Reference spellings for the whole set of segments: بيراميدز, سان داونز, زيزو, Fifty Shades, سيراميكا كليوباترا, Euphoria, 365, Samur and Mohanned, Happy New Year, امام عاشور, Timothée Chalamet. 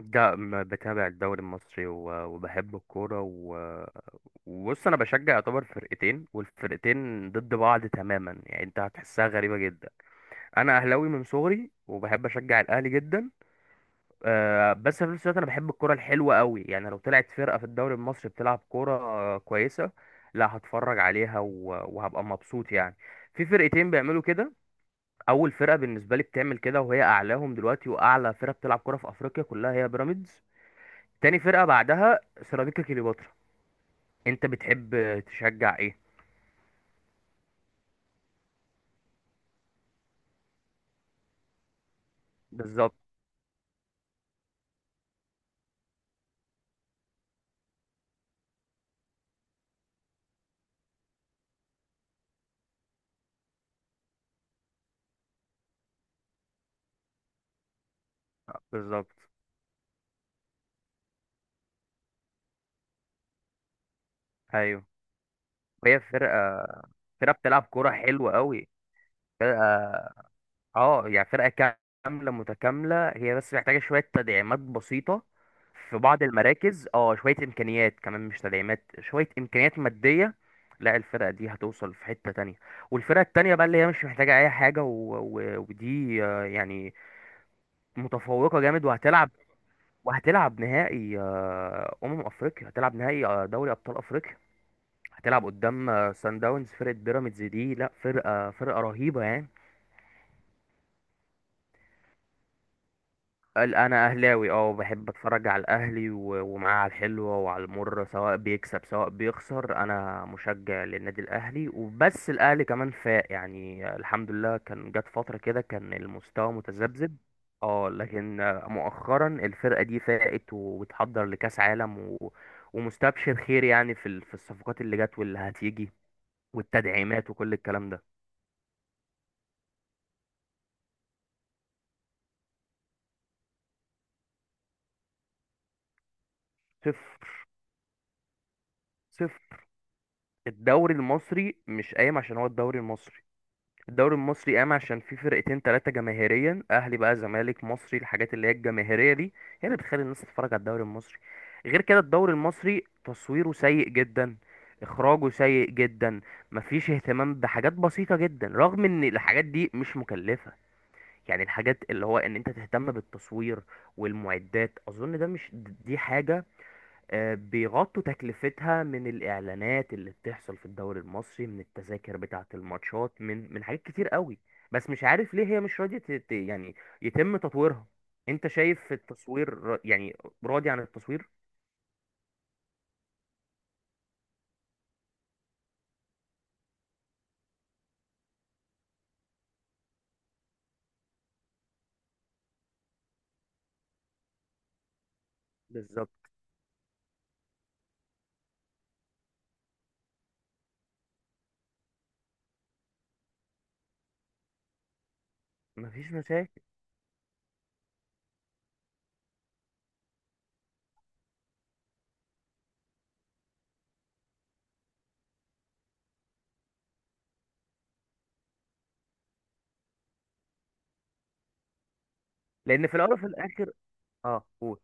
ده بتابع الدوري المصري و- وبحب الكورة و- وبص، أنا بشجع يعتبر فرقتين، والفرقتين ضد بعض تماما، يعني أنت هتحسها غريبة جدا. أنا أهلاوي من صغري وبحب أشجع الأهلي جدا. آه، بس في نفس الوقت أنا بحب الكورة الحلوة قوي، يعني لو طلعت فرقة في الدوري المصري بتلعب كورة كويسة، لا هتفرج عليها و- وهبقى مبسوط يعني. في فرقتين بيعملوا كده. أول فرقة بالنسبة لي بتعمل كده وهي أعلاهم دلوقتي، وأعلى فرقة بتلعب كورة في أفريقيا كلها هي بيراميدز. تاني فرقة بعدها سيراميكا كليوباترا. انت بتحب تشجع ايه؟ بالظبط. بالظبط. ايوه. وهي فرقة بتلعب كورة حلوة قوي. فرقة، اه يعني فرقة كاملة متكاملة، هي بس محتاجة شوية تدعيمات بسيطة في بعض المراكز، شوية امكانيات كمان، مش تدعيمات، شوية امكانيات مادية. لا، الفرقة دي هتوصل في حتة تانية. والفرقة التانية بقى اللي هي مش محتاجة اي حاجة، ودي يعني متفوقة جامد، وهتلعب. وهتلعب نهائي، افريقيا، هتلعب نهائي دوري ابطال افريقيا. هتلعب قدام سان داونز. فرقه بيراميدز دي، لا فرقه رهيبه يعني. انا اهلاوي، اه، بحب اتفرج على الاهلي و- ومعاه، على الحلوه وعلى المره، سواء بيكسب سواء بيخسر، انا مشجع للنادي الاهلي وبس. الاهلي كمان فاق يعني، الحمد لله. كان جت فتره كده كان المستوى متذبذب، اه لكن مؤخرا الفرقه دي فاقت، وبتحضر لكاس عالم، ومستبشر خير يعني في الصفقات اللي جت واللي هتيجي، والتدعيمات وكل الكلام ده. صفر. صفر. الدوري المصري مش قايم عشان هو الدوري المصري. الدوري المصري قام عشان في فرقتين ثلاثة جماهيريا، أهلي بقى زمالك مصري، الحاجات اللي هي الجماهيرية دي هي اللي بتخلي الناس تتفرج على الدوري المصري. غير كده، الدوري المصري تصويره سيء جدا. إخراجه سيء جدا. مفيش اهتمام بحاجات بسيطة جدا، رغم إن الحاجات دي مش مكلفة. يعني الحاجات اللي هو إن أنت تهتم بالتصوير والمعدات، أظن ده مش، دي حاجة بيغطوا تكلفتها من الإعلانات اللي بتحصل في الدوري المصري، من التذاكر بتاعة الماتشات، من حاجات كتير قوي. بس مش عارف ليه هي مش راضية يعني يتم تطويرها. انت شايف التصوير، يعني راضي عن التصوير؟ بالظبط. مفيش مشاكل، لأن في الأول وفي الآخر. اه، قول.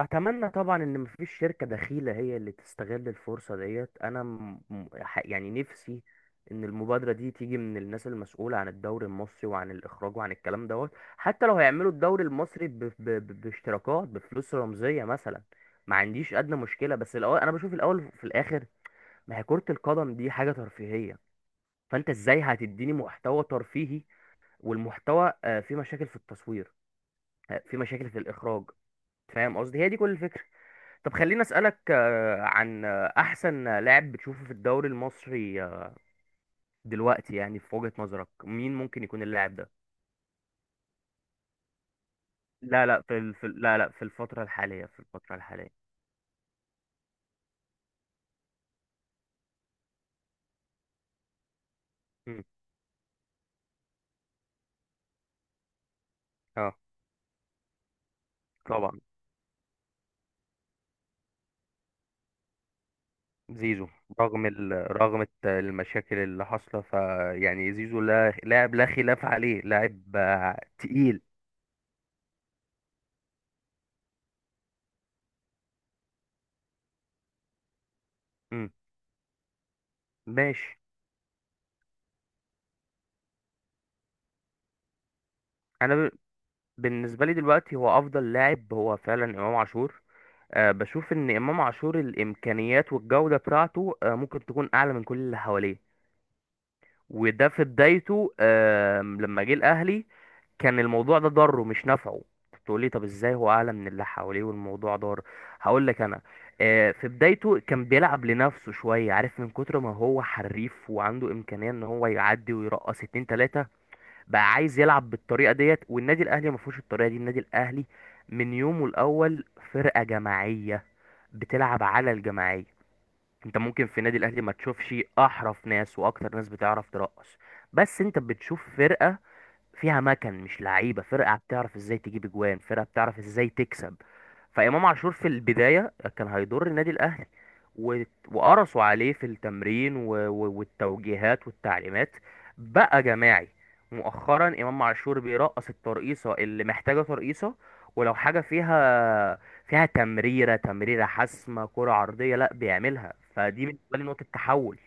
اتمنى طبعا ان مفيش شركة دخيلة هي اللي تستغل الفرصة ديت. انا يعني نفسي ان المبادرة دي تيجي من الناس المسؤولة عن الدوري المصري، وعن الاخراج وعن الكلام دوت. حتى لو هيعملوا الدوري المصري باشتراكات بفلوس رمزية مثلا، ما عنديش ادنى مشكلة. بس الاول، انا بشوف الاول في الاخر، ما هي كرة القدم دي حاجة ترفيهية. فانت ازاي هتديني محتوى ترفيهي؟ والمحتوى فيه مشاكل في التصوير، فيه مشاكل في الاخراج. فاهم قصدي؟ هي دي كل الفكرة. طب خليني اسالك عن احسن لاعب بتشوفه في الدوري المصري دلوقتي، يعني في وجهة نظرك مين ممكن يكون اللاعب ده؟ لا لا، لا لا، في الفترة الحالية، في الفترة الحالية. مم. اه، طبعا. زيزو، رغم المشاكل اللي حاصله، فيعني زيزو، لا لاعب لا خلاف عليه، لاعب تقيل. مم. ماشي. انا ب... بالنسبة لي دلوقتي، هو افضل لاعب هو فعلا امام عاشور. بشوف ان امام عاشور الامكانيات والجوده بتاعته ممكن تكون اعلى من كل اللي حواليه. وده في بدايته لما جه الاهلي، كان الموضوع ده ضره مش نفعه. تقولي طب ازاي هو اعلى من اللي حواليه والموضوع ضار؟ هقول لك انا. في بدايته كان بيلعب لنفسه شويه، عارف من كتر ما هو حريف، وعنده امكانيه ان هو يعدي ويرقص اتنين تلاته. بقى عايز يلعب بالطريقه ديت، والنادي الاهلي ما فيهوش الطريقه دي. النادي الاهلي من يومه الاول، فرقه جماعيه بتلعب على الجماعيه. انت ممكن في النادي الاهلي ما تشوفش احرف ناس واكتر ناس بتعرف ترقص، بس انت بتشوف فرقه فيها مكن مش لعيبه، فرقه بتعرف ازاي تجيب اجوان، فرقه بتعرف ازاي تكسب. فامام عاشور في البدايه كان هيضر النادي الاهلي، و- وقرصوا عليه في التمرين و- و- والتوجيهات والتعليمات، بقى جماعي. مؤخرا، امام عاشور بيرقص الترقيصه اللي محتاجه ترقيصه. ولو حاجه فيها تمريره حاسمه، كره عرضيه، لا بيعملها. فدي بالنسبه لي نقطه تحول.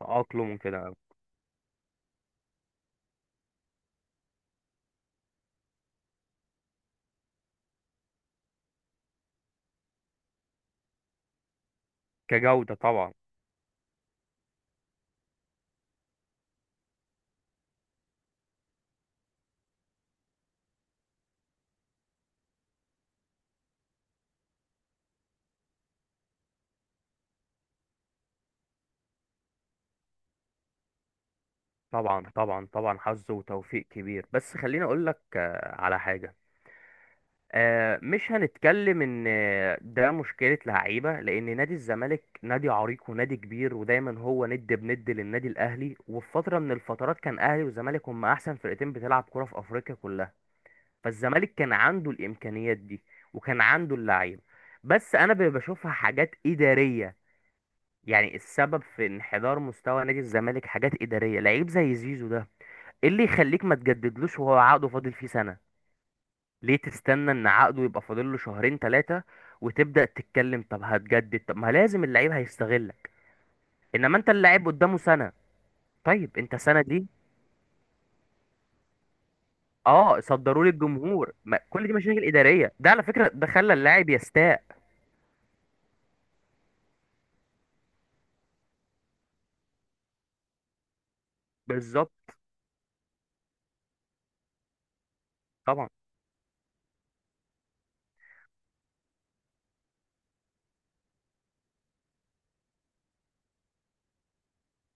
تأقلم كده. كجوده طبعا. طبعا، طبعا، طبعا حظ وتوفيق كبير. بس خليني اقول لك على حاجه. مش هنتكلم ان ده مشكله لعيبه، لان نادي الزمالك نادي عريق ونادي كبير، ودايما هو ند بند للنادي الاهلي، وفي فتره من الفترات كان اهلي والزمالك هم احسن فرقتين بتلعب كره في افريقيا كلها. فالزمالك كان عنده الامكانيات دي، وكان عنده اللعيبه. بس انا بشوفها حاجات اداريه. يعني السبب في انحدار مستوى نادي الزمالك حاجات اداريه. لعيب زي زيزو ده، ايه اللي يخليك ما تجددلوش وهو عقده فاضل فيه سنة؟ ليه تستنى ان عقده يبقى فاضل له شهرين ثلاثة، وتبدأ تتكلم طب هتجدد؟ طب ما لازم اللعيب هيستغلك. انما انت، اللاعب قدامه سنة. طيب انت، سنة دي، اه، صدروا للجمهور، ما كل دي مشاكل إدارية. ده على فكرة ده خلى اللاعب يستاء. بالظبط. طبعا.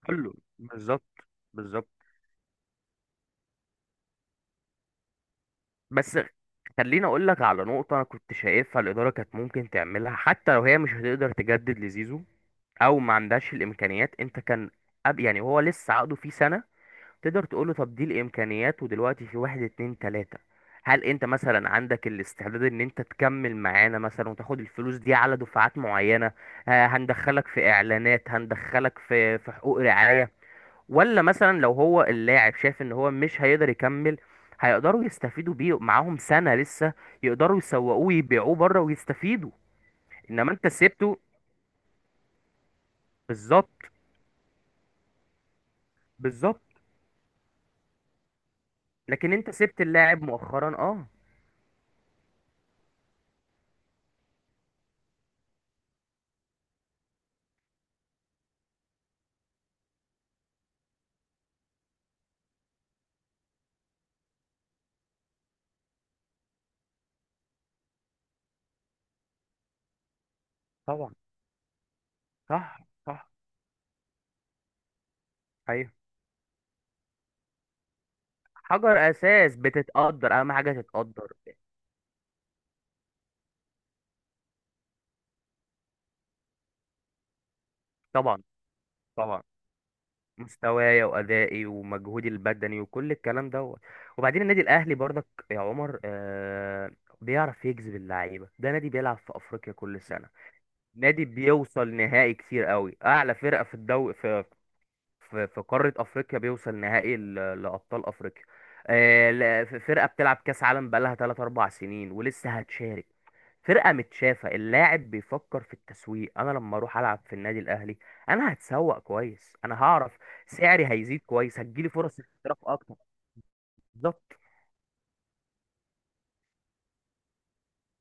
كله. بالظبط. بالظبط. بس خليني اقول لك على نقطة انا كنت شايفها. الإدارة كانت ممكن تعملها حتى لو هي مش هتقدر تجدد لزيزو، او ما عندهاش الامكانيات. انت كان يعني هو لسه عقده فيه سنه، تقدر تقول له طب دي الامكانيات، ودلوقتي في واحد اتنين تلاته، هل انت مثلا عندك الاستعداد ان انت تكمل معانا مثلا، وتاخد الفلوس دي على دفعات معينه؟ هندخلك في اعلانات، هندخلك في حقوق رعايه. ولا مثلا لو هو اللاعب شايف ان هو مش هيقدر يكمل، هيقدروا يستفيدوا بيه معاهم سنه لسه، يقدروا يسوقوه ويبيعوه بره ويستفيدوا. انما انت سيبته. بالظبط. بالظبط. لكن انت سبت اللاعب مؤخرا، اه. طبعا. صح. صح. ايوه. حجر اساس بتتقدر، اهم حاجه تتقدر. طبعا، طبعا، مستوايا وادائي ومجهودي البدني وكل الكلام دوت. وبعدين النادي الاهلي برضك، يا عمر، بيعرف يجذب اللعيبه. ده نادي بيلعب في افريقيا كل سنه، نادي بيوصل نهائي كتير قوي، اعلى فرقه في الدوري في قارة أفريقيا، بيوصل نهائي ل- لأبطال أفريقيا. فرقة بتلعب كأس عالم بقالها 3 4 سنين، ولسه هتشارك. فرقة متشافة، اللاعب بيفكر في التسويق، أنا لما أروح ألعب في النادي الأهلي، أنا هتسوق كويس، أنا هعرف سعري هيزيد كويس، هتجيلي فرص احتراف أكتر. بالظبط.